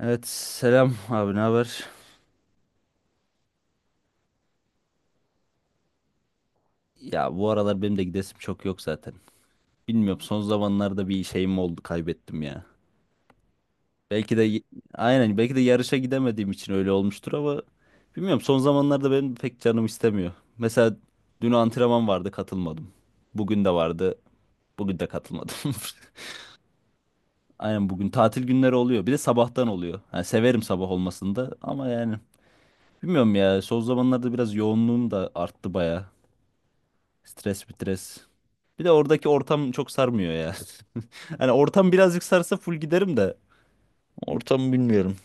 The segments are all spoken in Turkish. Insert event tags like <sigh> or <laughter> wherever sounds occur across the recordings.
Evet selam abi ne haber? Ya bu aralar benim de gidesim çok yok zaten. Bilmiyorum son zamanlarda bir şeyim oldu kaybettim ya. Belki de aynen belki de yarışa gidemediğim için öyle olmuştur ama bilmiyorum son zamanlarda benim pek canım istemiyor. Mesela dün antrenman vardı katılmadım. Bugün de vardı. Bugün de katılmadım. <laughs> Aynen bugün tatil günleri oluyor. Bir de sabahtan oluyor. Yani severim sabah olmasını da ama yani bilmiyorum ya son zamanlarda biraz yoğunluğum da arttı baya. Stres stres. Bir de oradaki ortam çok sarmıyor ya. <laughs> Hani ortam birazcık sarsa full giderim de. Ortamı bilmiyorum.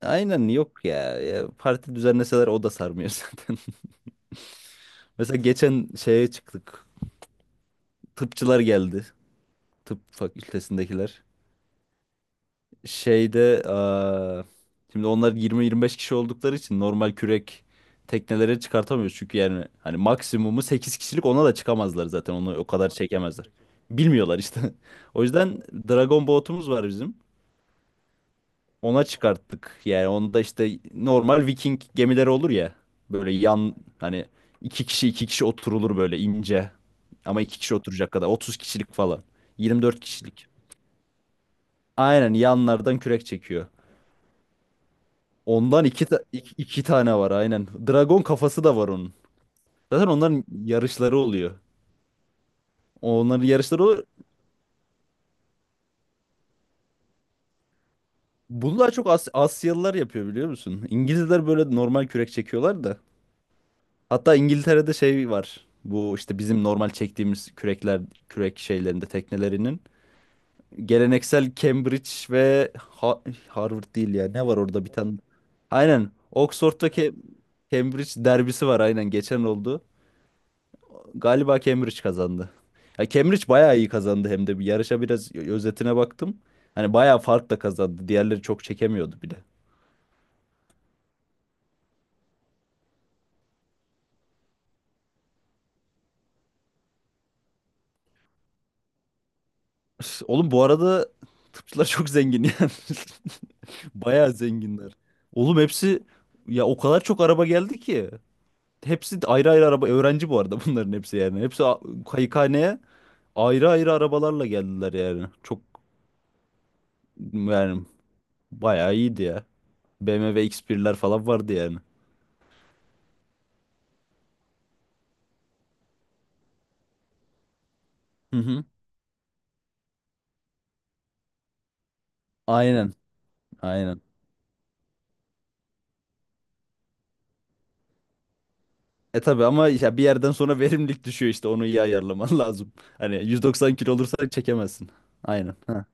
Aynen yok ya. Ya parti düzenleseler o da sarmıyor <laughs> zaten. Mesela geçen şeye çıktık. Tıpçılar geldi. Tıp fakültesindekiler. Şeyde şimdi onlar 20-25 kişi oldukları için normal kürek teknelere çıkartamıyoruz. Çünkü yani hani maksimumu 8 kişilik ona da çıkamazlar zaten. Onu o kadar çekemezler. Bilmiyorlar işte. <laughs> O yüzden Dragon botumuz var bizim. Ona çıkarttık. Yani onda işte normal Viking gemileri olur ya. Böyle yan hani iki kişi iki kişi oturulur böyle ince. Ama iki kişi oturacak kadar. 30 kişilik falan. 24 kişilik. Aynen yanlardan kürek çekiyor. Ondan iki tane var aynen. Dragon kafası da var onun. Zaten onların yarışları oluyor. Onların yarışları oluyor. Bunu daha çok Asyalılar yapıyor, biliyor musun? İngilizler böyle normal kürek çekiyorlar da. Hatta İngiltere'de şey var. Bu işte bizim normal çektiğimiz kürekler, kürek şeylerinde teknelerinin. Geleneksel Cambridge ve Harvard değil ya. Ne var orada bir tane? Aynen. Oxford'daki Cambridge derbisi var aynen geçen oldu. Galiba Cambridge kazandı. Ya Cambridge bayağı iyi kazandı hem de. Bir yarışa biraz özetine baktım. Hani bayağı fark da kazandı. Diğerleri çok çekemiyordu bile. Üf, oğlum, bu arada tıpçılar çok zengin yani. <laughs> Bayağı zenginler. Oğlum hepsi ya o kadar çok araba geldi ki. Hepsi de ayrı ayrı araba. Öğrenci bu arada bunların hepsi yani. Hepsi kayıkhaneye ayrı ayrı arabalarla geldiler yani. Çok yani bayağı iyiydi ya. BMW X1'ler falan vardı yani. Hı hı. Aynen. Aynen. E tabii ama ya bir yerden sonra <laughs> verimlilik düşüyor işte onu iyi ayarlaman <laughs> lazım. Hani 190 kilo olursa çekemezsin. Aynen. Ha.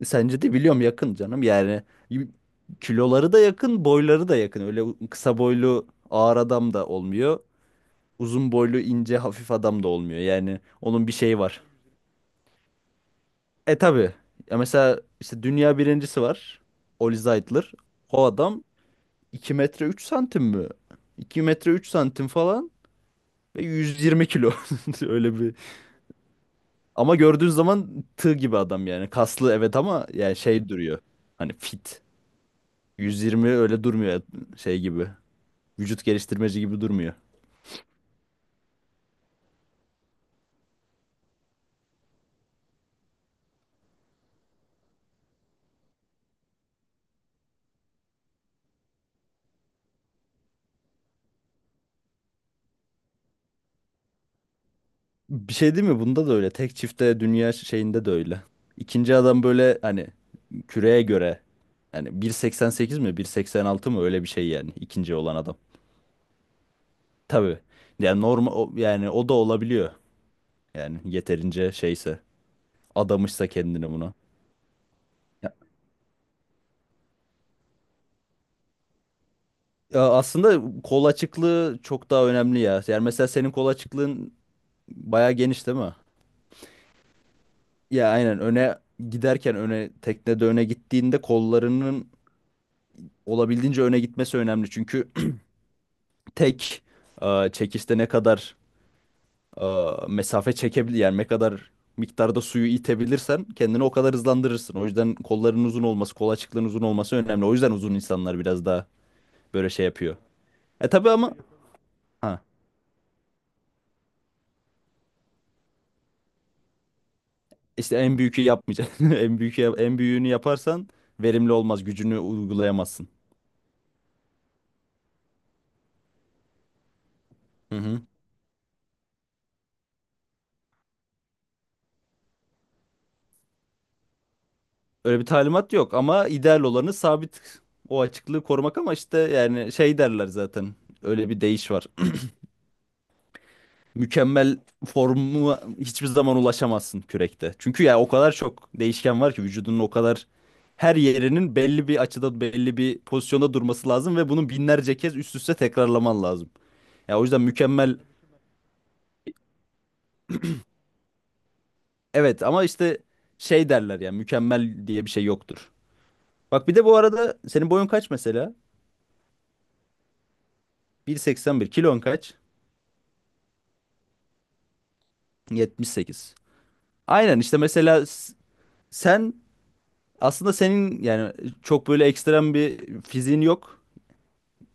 E, sence de biliyorum yakın canım yani y- kiloları da yakın, boyları da yakın. Öyle kısa boylu ağır adam da olmuyor. Uzun boylu ince hafif adam da olmuyor. Yani onun bir şeyi var. E tabii. Ya mesela işte dünya birincisi var. Oli Zeitler. O adam 2 metre 3 santim mi? 2 metre 3 santim falan ve 120 kilo. <laughs> Öyle bir Ama gördüğün zaman tığ gibi adam yani. Kaslı evet ama yani şey duruyor. Hani fit. 120 öyle durmuyor şey gibi. Vücut geliştirmeci gibi durmuyor. Bir şey değil mi? Bunda da öyle. Tek çifte dünya şeyinde de öyle. İkinci adam böyle hani küreye göre yani 1.88 mi 1.86 mı öyle bir şey yani ikinci olan adam. Tabii. Yani normal yani o da olabiliyor. Yani yeterince şeyse adamışsa kendini buna. Ya aslında kol açıklığı çok daha önemli ya. Yani mesela senin kol açıklığın bayağı geniş değil mi? Ya aynen öne giderken öne teknede öne gittiğinde kollarının olabildiğince öne gitmesi önemli. Çünkü <clears throat> tek çekişte ne kadar e, mesafe çekebilir yani ne kadar miktarda suyu itebilirsen kendini o kadar hızlandırırsın. O yüzden kolların uzun olması, kol açıklığın uzun olması önemli. O yüzden uzun insanlar biraz daha böyle şey yapıyor. E tabii ama ha. İşte en büyükü yapmayacaksın. <laughs> En büyüğünü yaparsan verimli olmaz. Gücünü uygulayamazsın. Hı hı. Öyle bir talimat yok ama ideal olanı sabit o açıklığı korumak ama işte yani şey derler zaten. Öyle bir deyiş var. <clears throat> Mükemmel formu hiçbir zaman ulaşamazsın kürekte. Çünkü ya o kadar çok değişken var ki vücudunun o kadar her yerinin belli bir açıda belli bir pozisyonda durması lazım ve bunu binlerce kez üst üste tekrarlaman lazım. Ya o yüzden mükemmel Evet ama işte şey derler ya mükemmel diye bir şey yoktur. Bak bir de bu arada senin boyun kaç mesela? 1.81 kilon kaç? 78. Aynen işte mesela sen aslında senin yani çok böyle ekstrem bir fiziğin yok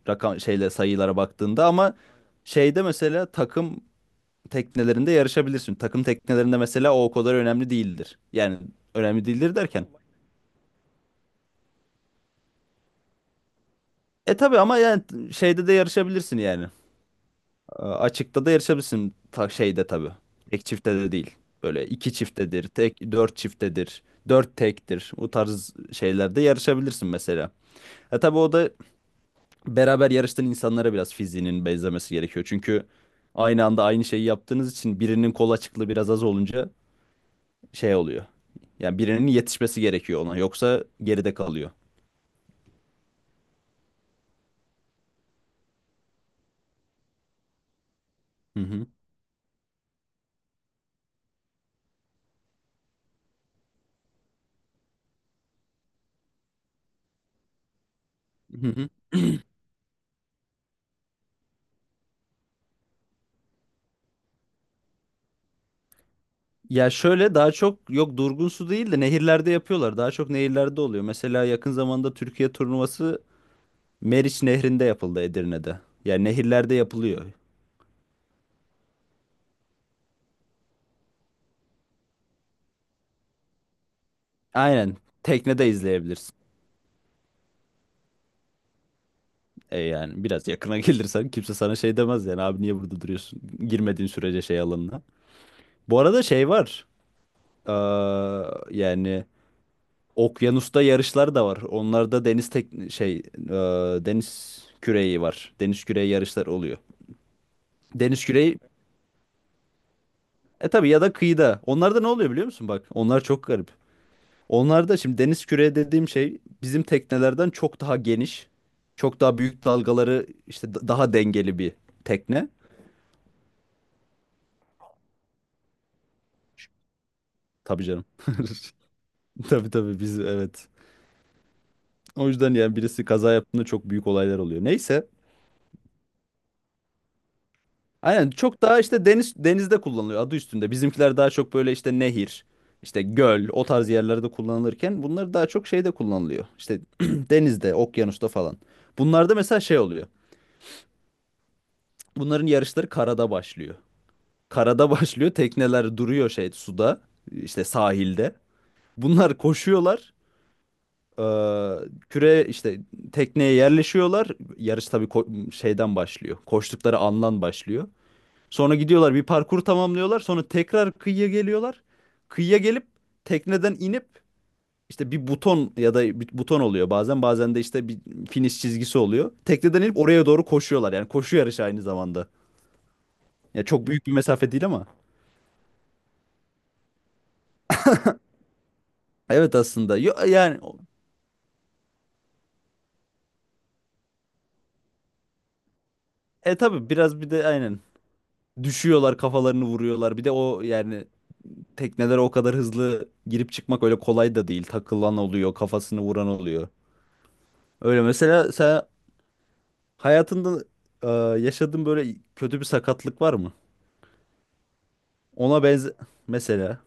rakam şeyle sayılara baktığında ama şeyde mesela takım teknelerinde yarışabilirsin. Takım teknelerinde mesela o kadar önemli değildir. Yani önemli değildir derken. E tabii ama yani şeyde de yarışabilirsin yani. E, açıkta da yarışabilirsin ta şeyde tabii. Tek çiftte de değil. Böyle iki çiftedir, tek dört çiftedir, dört tektir. Bu tarz şeylerde yarışabilirsin mesela. Ha tabii o da beraber yarıştığın insanlara biraz fiziğinin benzemesi gerekiyor. Çünkü aynı anda aynı şeyi yaptığınız için birinin kol açıklığı biraz az olunca şey oluyor. Yani birinin yetişmesi gerekiyor ona. Yoksa geride kalıyor. Hı hı. <laughs> Ya şöyle daha çok yok durgun su değil de nehirlerde yapıyorlar. Daha çok nehirlerde oluyor. Mesela yakın zamanda Türkiye turnuvası Meriç Nehri'nde yapıldı Edirne'de. Yani nehirlerde yapılıyor. Aynen. Teknede izleyebilirsin. E yani biraz yakına <laughs> gelirsen kimse sana şey demez yani abi niye burada duruyorsun? Girmediğin sürece şey alanına. Bu arada şey var. Ee, yani okyanusta yarışlar da var. Onlarda deniz tek şey deniz küreği var. Deniz küreği yarışlar oluyor. Deniz küreği. E tabii ya da kıyıda. Onlarda ne oluyor biliyor musun bak? Onlar çok garip. Onlarda şimdi deniz küreği dediğim şey bizim teknelerden çok daha geniş. Çok daha büyük dalgaları işte daha dengeli bir tekne. Tabii canım. <laughs> Tabii tabii biz evet. O yüzden yani birisi kaza yaptığında çok büyük olaylar oluyor. Neyse. Aynen çok daha işte denizde kullanılıyor adı üstünde. Bizimkiler daha çok böyle işte nehir, işte göl o tarz yerlerde kullanılırken bunlar daha çok şeyde kullanılıyor. İşte <clears throat> denizde, okyanusta falan. Bunlarda mesela şey oluyor. Bunların yarışları karada başlıyor. Karada <laughs> başlıyor. Tekneler duruyor şey suda, işte sahilde. Bunlar koşuyorlar. Ee, küre işte tekneye yerleşiyorlar. Yarış tabii şeyden başlıyor. Koştukları andan başlıyor. Sonra gidiyorlar bir parkur tamamlıyorlar. Sonra tekrar kıyıya geliyorlar. Kıyıya gelip tekneden inip işte bir buton ya da bir buton oluyor bazen de işte bir finish çizgisi oluyor. Tekneden inip oraya doğru koşuyorlar. Yani koşu yarışı aynı zamanda. Ya çok büyük bir mesafe değil ama. Evet aslında. Yo, yani e tabii biraz bir de aynen düşüyorlar kafalarını vuruyorlar. Bir de o yani teknelere o kadar hızlı girip çıkmak öyle kolay da değil. Takılan oluyor, kafasını vuran oluyor. Öyle mesela sen hayatında e, yaşadığın böyle kötü bir sakatlık var mı? Ona benze mesela.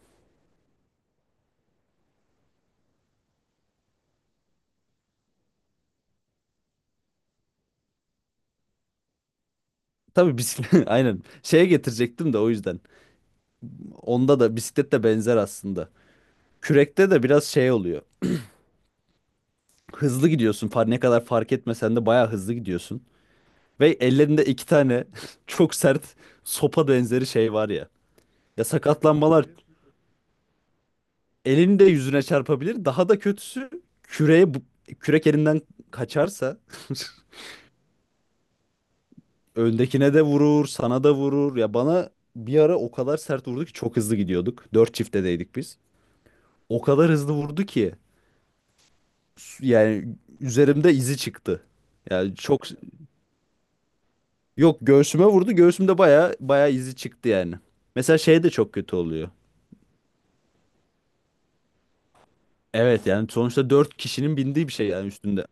Tabii bisiklet <laughs> aynen şeye getirecektim de o yüzden. Onda da bisiklet de benzer aslında. Kürekte de biraz şey oluyor. Hızlı gidiyorsun. Ne kadar fark etmesen de bayağı hızlı gidiyorsun. Ve ellerinde iki tane <laughs> çok sert sopa benzeri şey var ya. Ya sakatlanmalar elini de yüzüne çarpabilir. Daha da kötüsü küreğe bu- kürek elinden kaçarsa <laughs> öndekine de vurur, sana da vurur. Ya bana bir ara o kadar sert vurdu ki çok hızlı gidiyorduk. Dört çiftedeydik biz. O kadar hızlı vurdu ki yani üzerimde izi çıktı. Yani çok yok göğsüme vurdu. Göğsümde baya baya izi çıktı yani. Mesela şey de çok kötü oluyor. Evet yani sonuçta dört kişinin bindiği bir şey yani üstünde.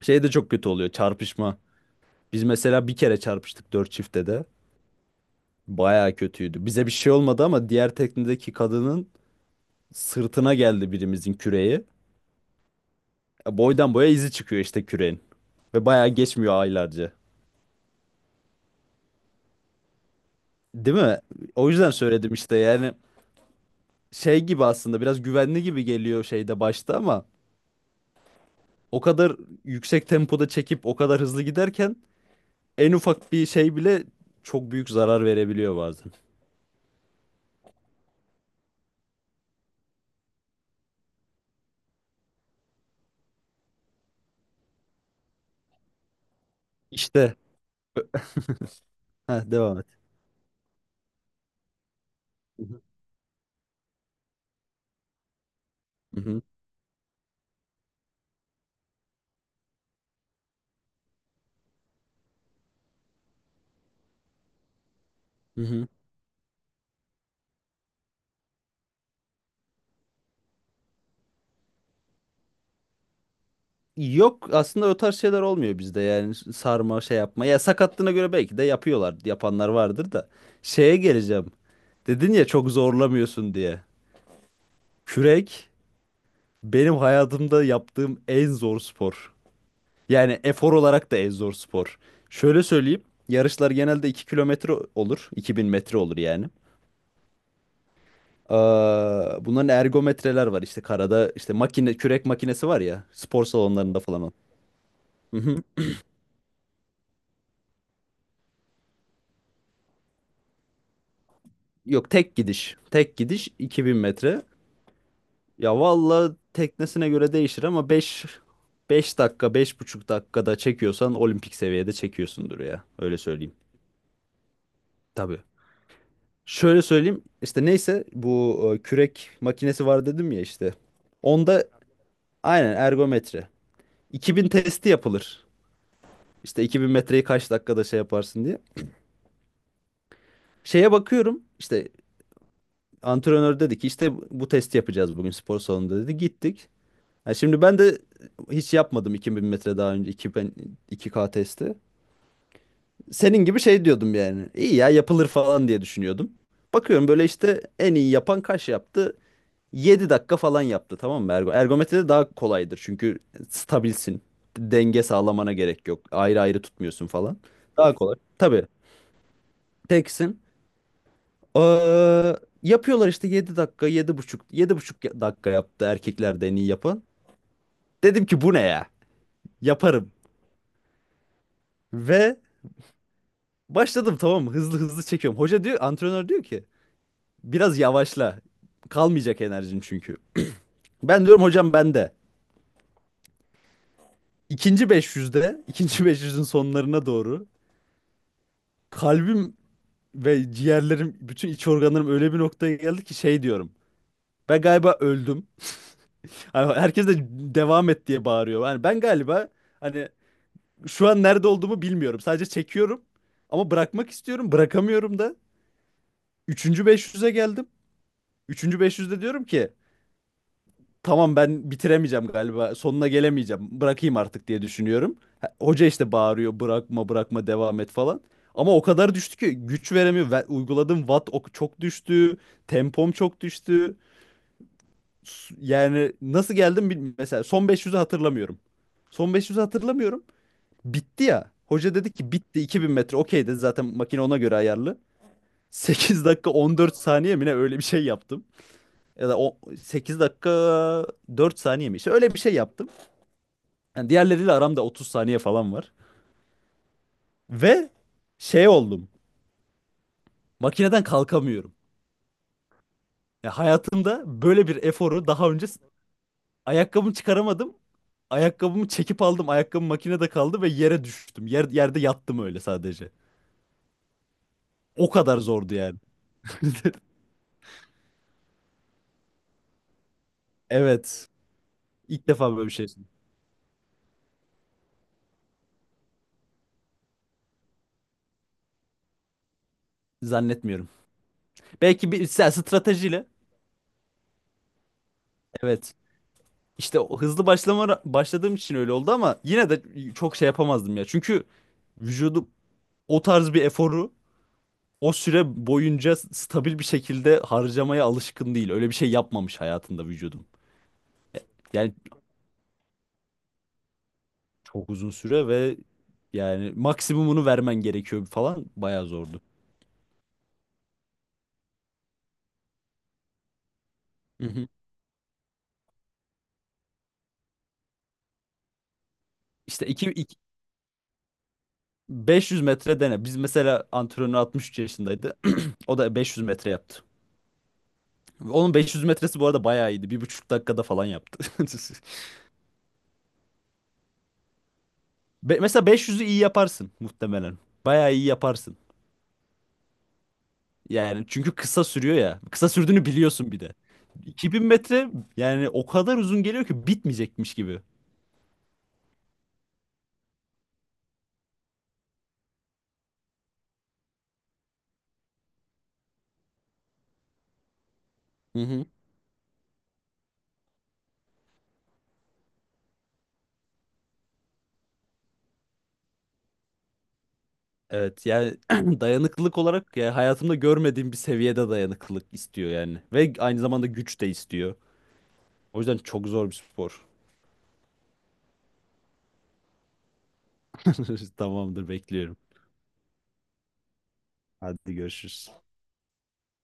Şey de çok kötü oluyor çarpışma. Biz mesela bir kere çarpıştık dört çiftte de. Bayağı kötüydü. Bize bir şey olmadı ama diğer teknedeki kadının sırtına geldi birimizin küreği. E, boydan boya izi çıkıyor işte küreğin. Ve bayağı geçmiyor aylarca. Değil mi? O yüzden söyledim işte yani şey gibi aslında biraz güvenli gibi geliyor şeyde başta ama o kadar yüksek tempoda çekip o kadar hızlı giderken en ufak bir şey bile çok büyük zarar verebiliyor bazen. İşte. Ha, devam et. Hı hı. Hı hı. Hı hı. Yok aslında o tarz şeyler olmuyor bizde yani sarma şey yapma. Ya sakatlığına göre belki de yapıyorlar. Yapanlar vardır da. Şeye geleceğim. Dedin ya çok zorlamıyorsun diye. Kürek benim hayatımda yaptığım en zor spor. Yani efor olarak da en zor spor. Şöyle söyleyeyim. Yarışlar genelde 2 kilometre olur. 2000 metre olur yani. Ee, bunların ergometreler var işte karada. İşte makine kürek makinesi var ya spor salonlarında falan. Yok tek gidiş. Tek gidiş 2000 metre. Ya valla teknesine göre değişir ama 5 5 dakika 5,5 dakikada çekiyorsan olimpik seviyede çekiyorsundur ya. Öyle söyleyeyim. Tabii. Şöyle söyleyeyim işte neyse bu kürek makinesi var dedim ya işte. Onda aynen ergometre. 2000 testi yapılır. İşte 2000 metreyi kaç dakikada şey yaparsın diye. Şeye bakıyorum işte antrenör dedi ki işte bu testi yapacağız bugün spor salonunda dedi. Gittik. Ha, şimdi ben de hiç yapmadım 2000 metre daha önce 2000, iki k testi. Senin gibi şey diyordum yani. İyi ya yapılır falan diye düşünüyordum. Bakıyorum böyle işte en iyi yapan kaç yaptı? 7 dakika falan yaptı, tamam mı? Ergometrede daha kolaydır çünkü stabilsin. Denge sağlamana gerek yok. Ayrı ayrı tutmuyorsun falan. Daha kolay. Tabii teksin. Ee, yapıyorlar işte 7 dakika, yedi buçuk dakika yaptı erkeklerde en iyi yapan. Dedim ki bu ne ya? Yaparım. Ve başladım, tamam mı? Hızlı hızlı çekiyorum. Hoca diyor, antrenör diyor ki biraz yavaşla. Kalmayacak enerjin çünkü. Ben diyorum hocam bende. İkinci 500'de, ikinci 500'ün sonlarına doğru kalbim ve ciğerlerim, bütün iç organlarım öyle bir noktaya geldi ki şey diyorum. Ben galiba öldüm. Hani herkes de devam et diye bağırıyor. Hani ben galiba hani şu an nerede olduğumu bilmiyorum. Sadece çekiyorum ama bırakmak istiyorum. Bırakamıyorum da. Üçüncü 500'e geldim. Üçüncü 500'de diyorum ki tamam ben bitiremeyeceğim galiba sonuna gelemeyeceğim bırakayım artık diye düşünüyorum. Ha, hoca işte bağırıyor bırakma bırakma devam et falan. Ama o kadar düştü ki güç veremiyor. Ve uyguladığım watt çok düştü. Tempom çok düştü. Yani nasıl geldim bilmiyorum. Mesela son beş yüzü hatırlamıyorum. Son beş yüzü hatırlamıyorum. Bitti ya. Hoca dedi ki bitti 2000 metre. Okey dedi zaten makine ona göre ayarlı. <laughs> 8 dakika 14 saniye mi ne öyle bir şey yaptım. Ya da o 8 dakika 4 saniye mi? İşte öyle bir şey yaptım. Yani diğerleriyle aramda 30 saniye falan var. Ve şey oldum. Makineden kalkamıyorum. Ya hayatımda böyle bir eforu daha önce ayakkabımı çıkaramadım. Ayakkabımı çekip aldım. Ayakkabım makinede kaldı ve yere düştüm. Yerde yattım öyle sadece. O kadar zordu yani. Evet. İlk defa böyle bir şey. Zannetmiyorum. Belki bir sen stratejiyle. Evet. İşte o hızlı başladığım için öyle oldu ama yine de çok şey yapamazdım ya. Çünkü vücudum o tarz bir eforu o süre boyunca stabil bir şekilde harcamaya alışkın değil. Öyle bir şey yapmamış hayatında vücudum. Yani çok uzun süre ve yani maksimumunu vermen gerekiyor falan bayağı zordu. Hı hı. İşte 2, 500 metre dene. Biz mesela antrenör 63 yaşındaydı. <clears throat> O da 500 metre yaptı. Onun 500 metresi bu arada bayağı iyiydi. 1,5 dakikada falan yaptı. <laughs> Mesela 500'ü iyi yaparsın muhtemelen. Bayağı iyi yaparsın. Yani çünkü kısa sürüyor ya. Kısa sürdüğünü biliyorsun bir de. 2000 metre yani o kadar uzun geliyor ki bitmeyecekmiş gibi. Hı hı. Evet yani <clears throat> dayanıklılık olarak ya hayatımda görmediğim bir seviyede dayanıklılık istiyor yani. Ve aynı zamanda güç de istiyor. O yüzden çok zor bir spor. <laughs> Tamamdır bekliyorum. Hadi görüşürüz.